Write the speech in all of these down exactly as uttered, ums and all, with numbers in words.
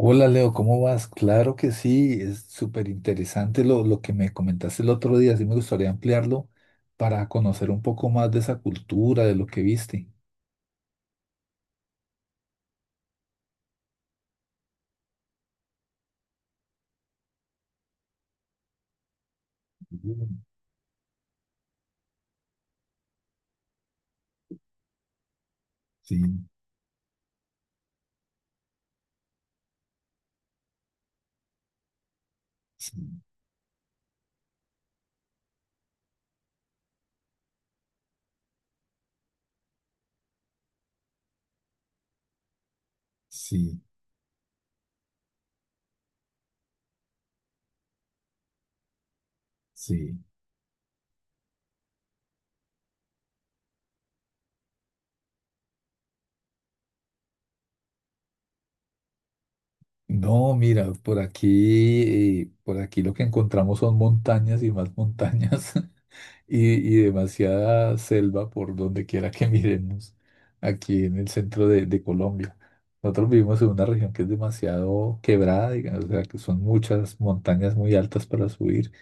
Hola Leo, ¿cómo vas? Claro que sí, es súper interesante lo, lo que me comentaste el otro día, sí me gustaría ampliarlo para conocer un poco más de esa cultura, de lo que viste. Mm. Sí, sí, sí, sí. No, mira, por aquí, eh, por aquí lo que encontramos son montañas y más montañas. Y, y demasiada selva por donde quiera que miremos aquí en el centro de, de Colombia. Nosotros vivimos en una región que es demasiado quebrada, digamos, o sea, que son muchas montañas muy altas para subir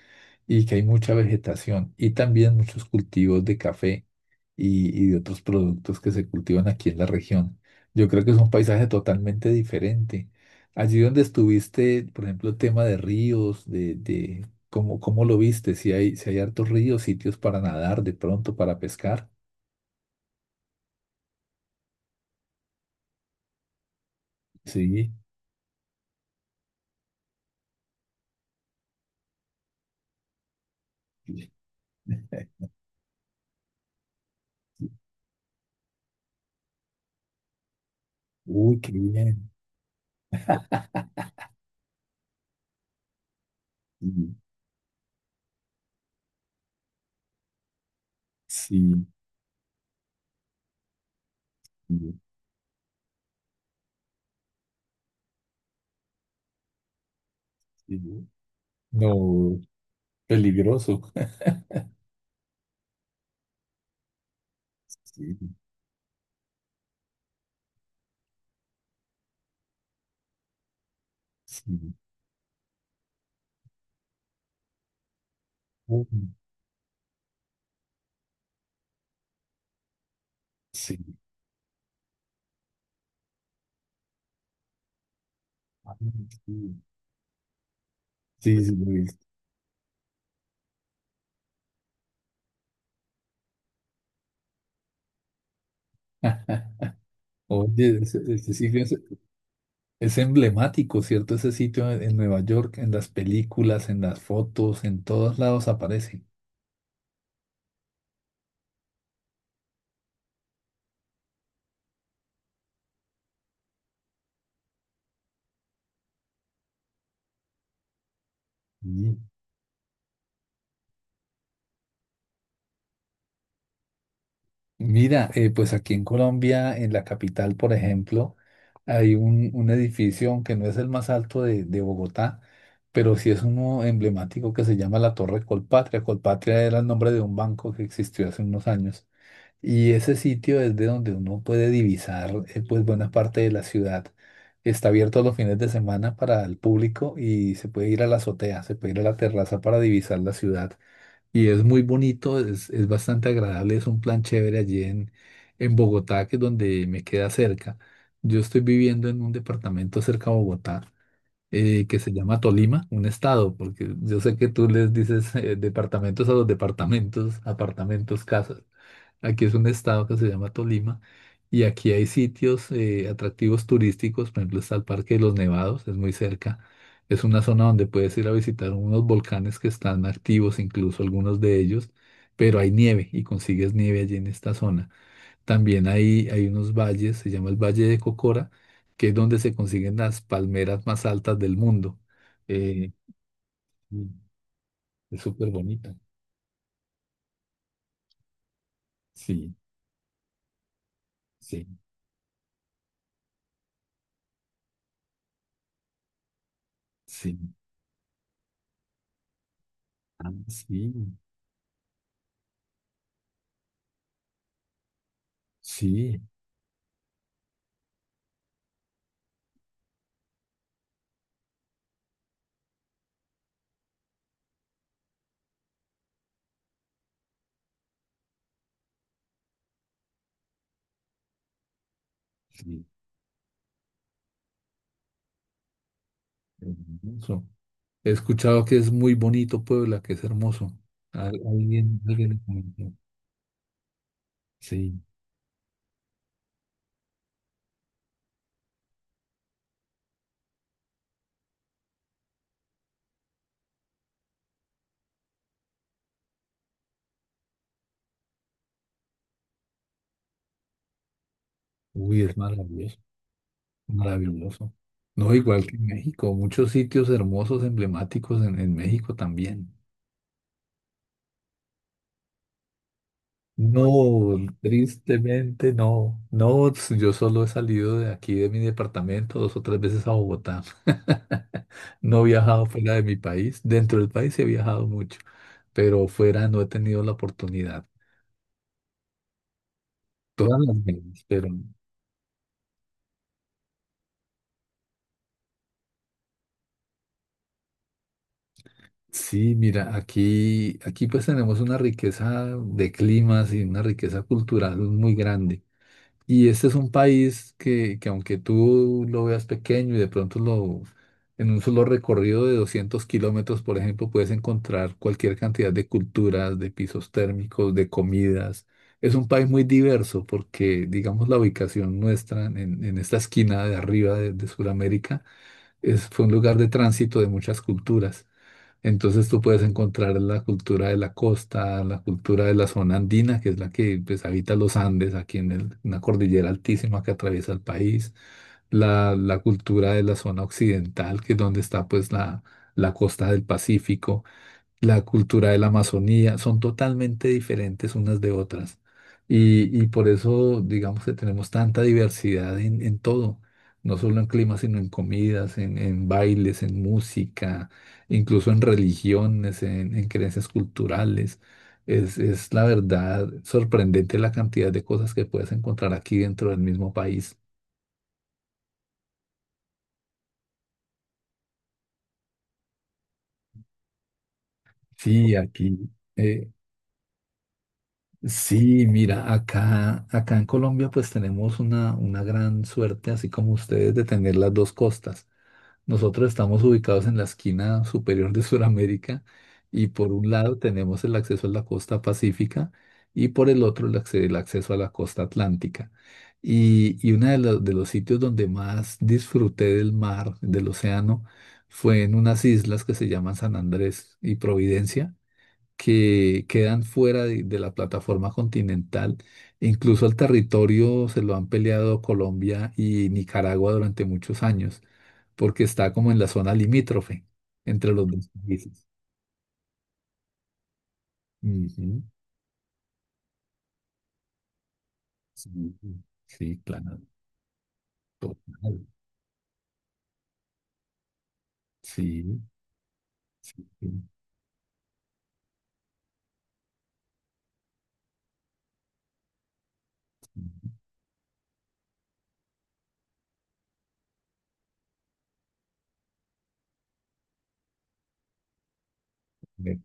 y que hay mucha vegetación y también muchos cultivos de café y, y de otros productos que se cultivan aquí en la región. Yo creo que es un paisaje totalmente diferente. Allí donde estuviste, por ejemplo, el tema de ríos, de, de cómo, cómo lo viste, si hay, si hay hartos ríos, sitios para nadar de pronto, para pescar. Sí. Uy, qué bien. Sí, sí, sí, sí. No, peligroso. Sí, sí. Uy, sí. Sí, sí, sí, lo he visto. Oye, ese, ese sitio es, es emblemático, ¿cierto? Ese sitio en, en Nueva York, en las películas, en las fotos, en todos lados aparece. Mm. Mira, eh, pues aquí en Colombia, en la capital, por ejemplo, hay un, un edificio, aunque no es el más alto de, de Bogotá, pero sí es uno emblemático que se llama la Torre Colpatria. Colpatria era el nombre de un banco que existió hace unos años. Y ese sitio es de donde uno puede divisar eh, pues buena parte de la ciudad. Está abierto los fines de semana para el público y se puede ir a la azotea, se puede ir a la terraza para divisar la ciudad. Y es muy bonito, es, es bastante agradable, es un plan chévere allí en, en Bogotá, que es donde me queda cerca. Yo estoy viviendo en un departamento cerca a Bogotá eh, que se llama Tolima, un estado, porque yo sé que tú les dices eh, departamentos a los departamentos, apartamentos, casas. Aquí es un estado que se llama Tolima y aquí hay sitios eh, atractivos turísticos, por ejemplo está el Parque de los Nevados, es muy cerca. Es una zona donde puedes ir a visitar unos volcanes que están activos, incluso algunos de ellos, pero hay nieve y consigues nieve allí en esta zona. También hay, hay unos valles, se llama el Valle de Cocora, que es donde se consiguen las palmeras más altas del mundo. Eh. Mm. Es súper bonita. Sí, sí, sí. Ah, sí, sí, sí. Hermoso. He escuchado que es muy bonito Puebla, que es hermoso. Al- alguien, alguien me comentó. Sí. Uy, es maravilloso, maravilloso. No, igual que en México, muchos sitios hermosos, emblemáticos en en México también. No, tristemente no. No, yo solo he salido de aquí, de mi departamento, dos o tres veces a Bogotá. No he viajado fuera de mi país. Dentro del país sí he viajado mucho, pero fuera no he tenido la oportunidad. Todas las veces, pero sí, mira, aquí, aquí pues tenemos una riqueza de climas y una riqueza cultural muy grande. Y este es un país que, que aunque tú lo veas pequeño y de pronto lo, en un solo recorrido de doscientos kilómetros, por ejemplo, puedes encontrar cualquier cantidad de culturas, de pisos térmicos, de comidas. Es un país muy diverso porque, digamos, la ubicación nuestra en, en esta esquina de arriba de, de Sudamérica es, fue un lugar de tránsito de muchas culturas. Entonces tú puedes encontrar la cultura de la costa, la cultura de la zona andina, que es la que pues, habita los Andes, aquí en el- una cordillera altísima que atraviesa el país, la, la cultura de la zona occidental, que es donde está pues la, la costa del Pacífico, la cultura de la Amazonía, son totalmente diferentes unas de otras. Y, y por eso, digamos que tenemos tanta diversidad en, en todo, no solo en clima, sino en comidas, en, en bailes, en música, incluso en religiones, en, en creencias culturales. Es, es la verdad sorprendente la cantidad de cosas que puedes encontrar aquí dentro del mismo país. Sí, aquí. Eh. Sí, mira, acá, acá en Colombia pues tenemos una, una gran suerte, así como ustedes, de tener las dos costas. Nosotros estamos ubicados en la esquina superior de Sudamérica y por un lado tenemos el acceso a la costa pacífica y por el otro el, acce- el acceso a la costa atlántica. Y, y uno de, los de los sitios donde más disfruté del mar, del océano, fue en unas islas que se llaman San Andrés y Providencia que quedan fuera de, de la plataforma continental. Incluso el territorio se lo han peleado Colombia y Nicaragua durante muchos años, porque está como en la zona limítrofe entre los dos países. Ujú. Sí, sí, claro, total. Sí, sí, sí, sí. Ve-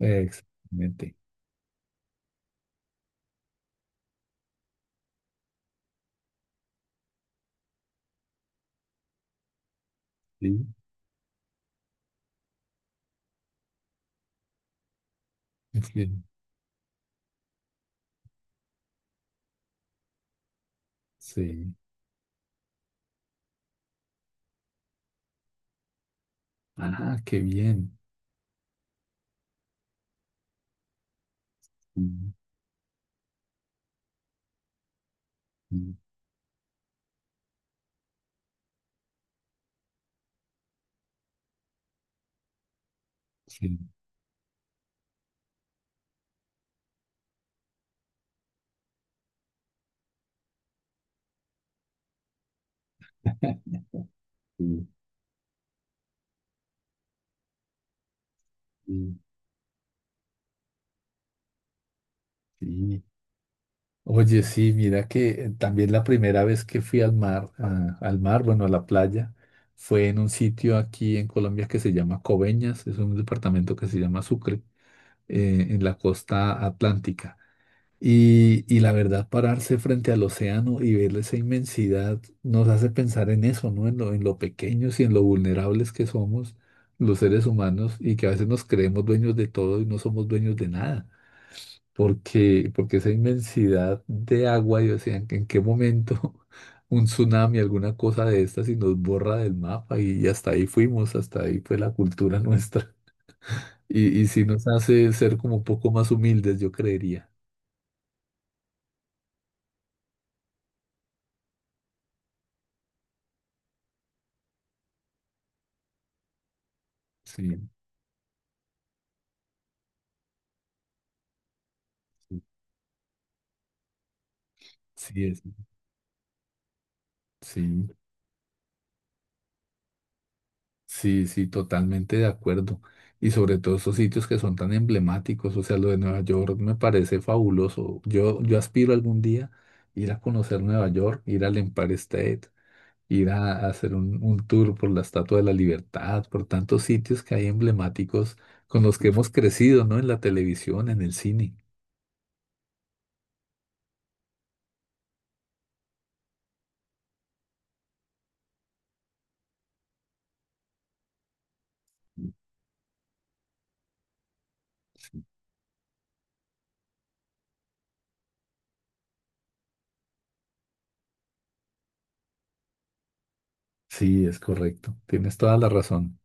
exactamente. Sí, sí, sí. Ah, qué bien. Sí, sí, sí. Sí, sí, sí. Oye, sí, mira que eh, también la primera vez que fui al mar, a- al mar, bueno, a la playa, fue en un sitio aquí en Colombia que se llama Coveñas, es un departamento que se llama Sucre, eh, en la costa atlántica. Y, y la verdad, pararse frente al océano y ver esa inmensidad nos hace pensar en eso, ¿no? En lo, en lo pequeños y en lo vulnerables que somos los seres humanos y que a veces nos creemos dueños de todo y no somos dueños de nada porque, porque esa inmensidad de agua, y o sea, ¿en qué momento un tsunami, alguna cosa de estas, y nos borra del mapa? Y, y hasta ahí fuimos, hasta ahí fue la cultura nuestra. Y, y sí nos hace ser como un poco más humildes, yo creería. Sí, sí, sí, es- sí, sí, sí, totalmente de acuerdo. Y sobre todo esos sitios que son tan emblemáticos, o sea, lo de Nueva York me parece fabuloso. Yo, yo aspiro algún día ir a conocer Nueva York, ir al Empire State, ir a, a hacer un, un tour por la Estatua de la Libertad, por tantos sitios que hay emblemáticos con los que hemos crecido, ¿no? En la televisión, en el cine. Sí, es correcto. Tienes toda la razón.